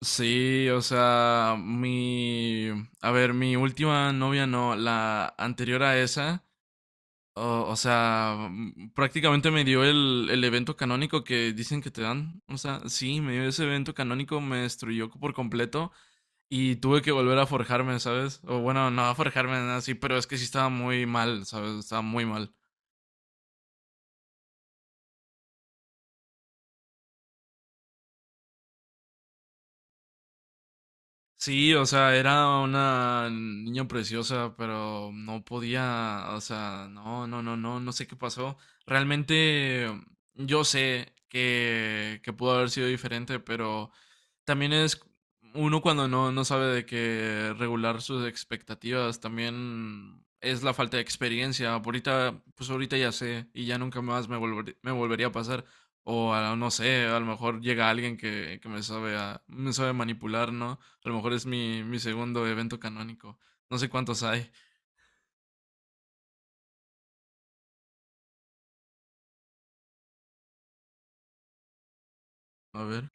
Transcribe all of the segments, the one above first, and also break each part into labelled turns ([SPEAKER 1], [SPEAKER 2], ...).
[SPEAKER 1] Sí, o sea, mi... A ver, mi última novia no, la anterior a esa, o sea, prácticamente me dio el evento canónico que dicen que te dan. O sea, sí, me dio ese evento canónico, me destruyó por completo y tuve que volver a forjarme, ¿sabes? O bueno, no a forjarme, nada así, pero es que sí estaba muy mal, ¿sabes? Estaba muy mal. Sí, o sea, era una niña preciosa, pero no podía, o sea, no sé qué pasó. Realmente yo sé que pudo haber sido diferente, pero también es uno cuando no sabe de qué regular sus expectativas, también es la falta de experiencia. Ahorita, pues ahorita ya sé y ya nunca más me volvería a pasar. No sé, a lo mejor llega alguien que me sabe, me sabe manipular, ¿no? A lo mejor es mi segundo evento canónico. No sé cuántos hay. A ver.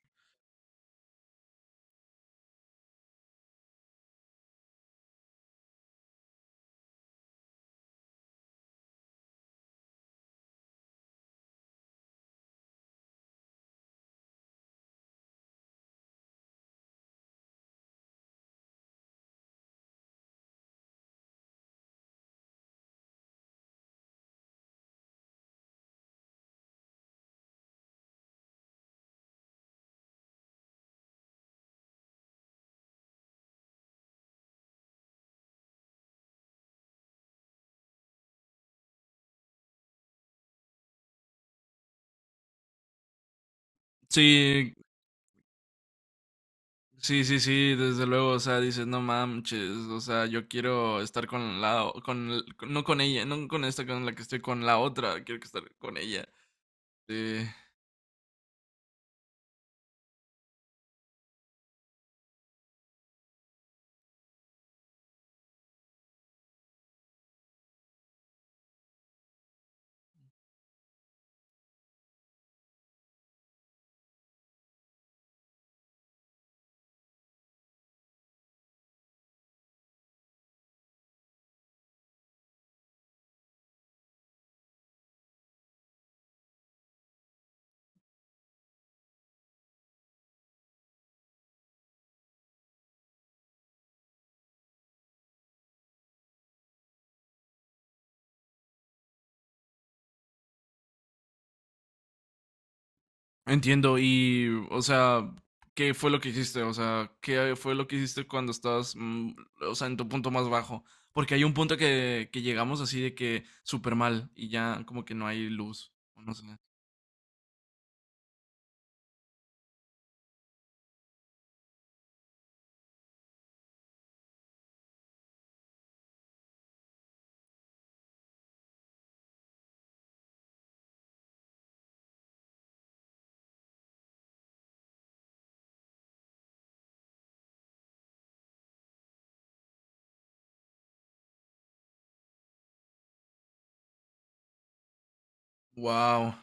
[SPEAKER 1] Sí, sí, desde luego, o sea, dices, no manches, o sea, yo quiero estar con la, no con ella, no con esta con la que estoy, con la otra, quiero que estar con ella. Eh, Entiendo, y, o sea, ¿qué fue lo que hiciste? O sea, ¿qué fue lo que hiciste cuando estabas, o sea, en tu punto más bajo? Porque hay un punto que llegamos así de que súper mal y ya como que no hay luz, o no sé. Wow.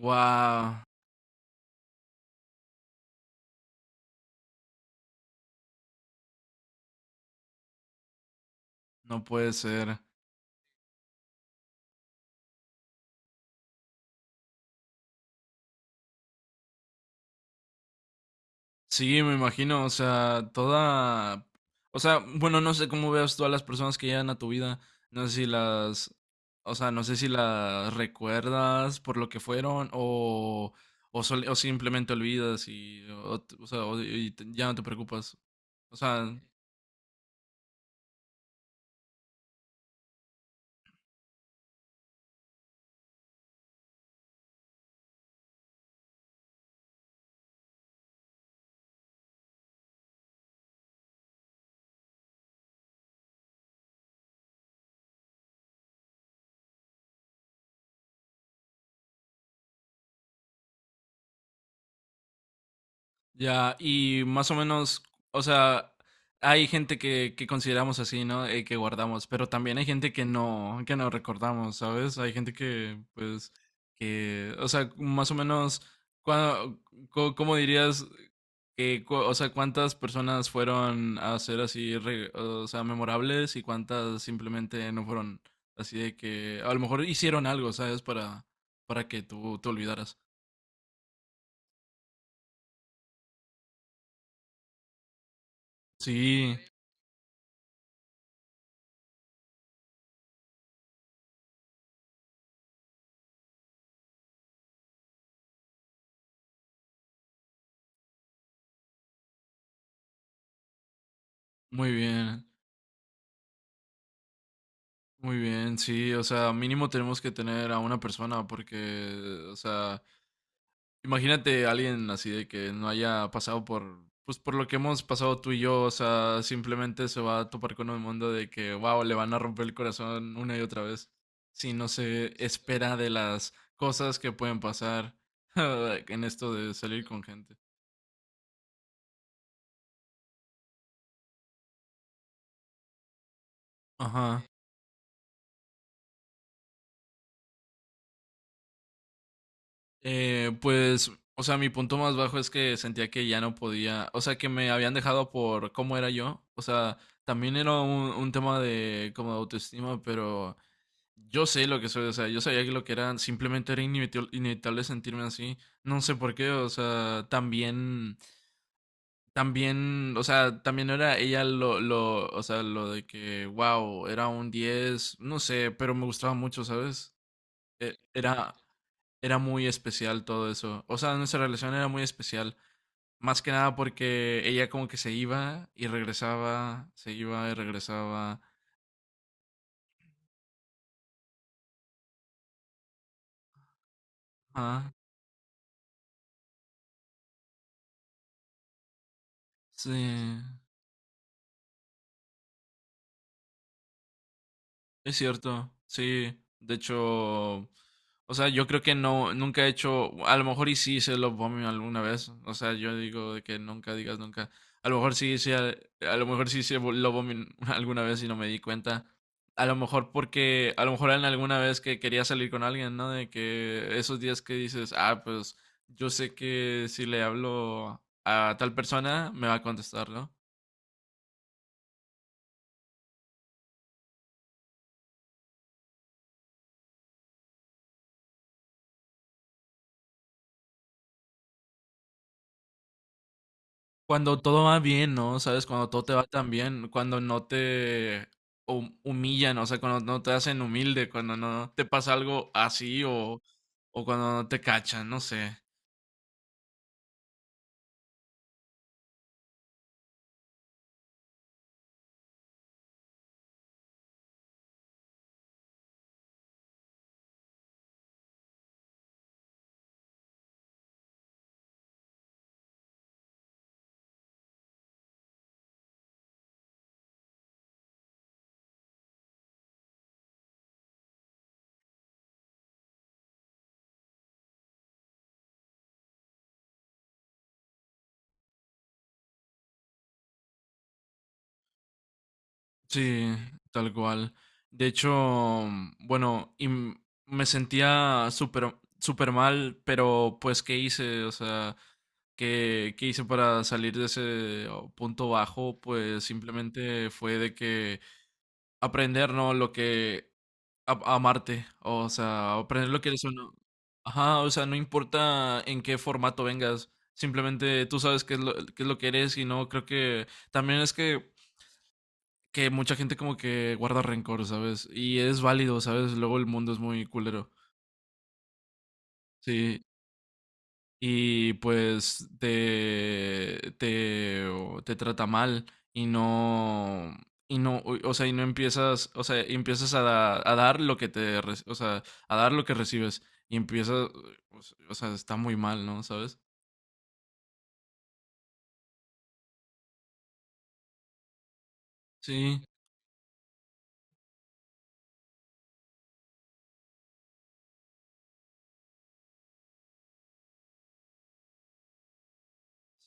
[SPEAKER 1] Wow, no puede ser. Sí, me imagino, o sea, toda, o sea, bueno, no sé cómo veas tú a las personas que llegan a tu vida, no sé si las, o sea, no sé si las recuerdas por lo que fueron o, o simplemente olvidas y, o sea, ya no te preocupas, o sea, ya, y más o menos, o sea, hay gente que consideramos así, ¿no? Que guardamos, pero también hay gente que no recordamos, ¿sabes? Hay gente que, pues, que, o sea, más o menos, ¿cuá- ¿cómo dirías que, o sea, cuántas personas fueron a ser así, o sea, memorables y cuántas simplemente no fueron así de que, a lo mejor hicieron algo, ¿sabes? Para que tú te olvidaras. Sí, muy bien. Muy bien, sí, o sea, mínimo tenemos que tener a una persona porque, o sea, imagínate a alguien así de que no haya pasado por, pues por lo que hemos pasado tú y yo, o sea, simplemente se va a topar con un mundo de que, wow, le van a romper el corazón una y otra vez si no se espera de las cosas que pueden pasar en esto de salir con gente. Ajá. Pues, o sea, mi punto más bajo es que sentía que ya no podía, o sea, que me habían dejado por cómo era yo. O sea, también era un tema de como de autoestima, pero yo sé lo que soy, o sea, yo sabía que lo que era, simplemente era inevitable sentirme así. No sé por qué, o sea, también, también, o sea, también no era ella o sea, lo de que, wow, era un 10 no sé, pero me gustaba mucho, ¿sabes? e- era, era muy especial todo eso. O sea, nuestra relación era muy especial. Más que nada porque ella como que se iba y regresaba, se iba y regresaba. Ah, sí. Es cierto, sí. De hecho, o sea, yo creo que no, nunca he hecho, a lo mejor y sí hice love bombing alguna vez. O sea, yo digo de que nunca digas nunca. A lo mejor sí hice, a lo mejor sí hice love bombing alguna vez y no me di cuenta. A lo mejor porque, a lo mejor en alguna vez que quería salir con alguien, ¿no? De que esos días que dices, ah, pues yo sé que si le hablo a tal persona me va a contestar, ¿no? Cuando todo va bien, ¿no? ¿Sabes? Cuando todo te va tan bien, cuando no te humillan, o sea, cuando no te hacen humilde, cuando no te pasa algo así o cuando no te cachan, no sé. Sí, tal cual. De hecho, bueno, me sentía súper, súper mal, pero pues, ¿qué hice? O sea, ¿qué, qué hice para salir de ese oh, punto bajo? Pues simplemente fue de que aprender, ¿no? Lo que amarte, o sea, aprender lo que eres o no. Ajá, o sea, no importa en qué formato vengas, simplemente tú sabes qué es lo que eres y no, creo que también es que mucha gente como que guarda rencor, ¿sabes? Y es válido, ¿sabes? Luego el mundo es muy culero. Sí. Y pues te trata mal y no, y no, o sea, y no empiezas, o sea, y empiezas a, a dar lo que te, o sea, a dar lo que recibes y empiezas, o sea, está muy mal, ¿no? ¿Sabes? Sí,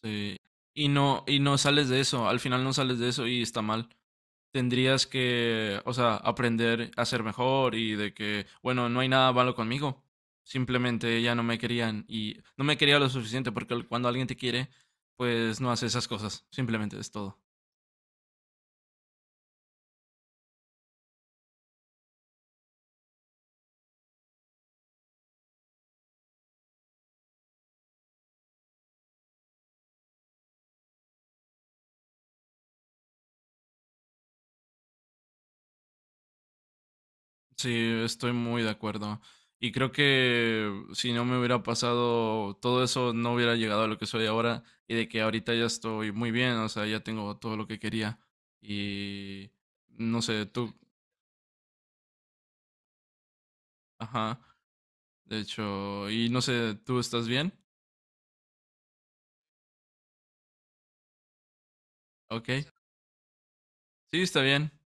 [SPEAKER 1] sí. Y no sales de eso, al final no sales de eso y está mal. Tendrías que, o sea, aprender a ser mejor y de que, bueno, no hay nada malo conmigo. Simplemente ya no me querían y no me quería lo suficiente porque cuando alguien te quiere, pues no hace esas cosas. Simplemente es todo. Sí, estoy muy de acuerdo. Y creo que si no me hubiera pasado todo eso, no hubiera llegado a lo que soy ahora y de que ahorita ya estoy muy bien, o sea, ya tengo todo lo que quería. Y no sé, tú, ajá, de hecho, y no sé, ¿tú estás bien? Ok, sí, está bien.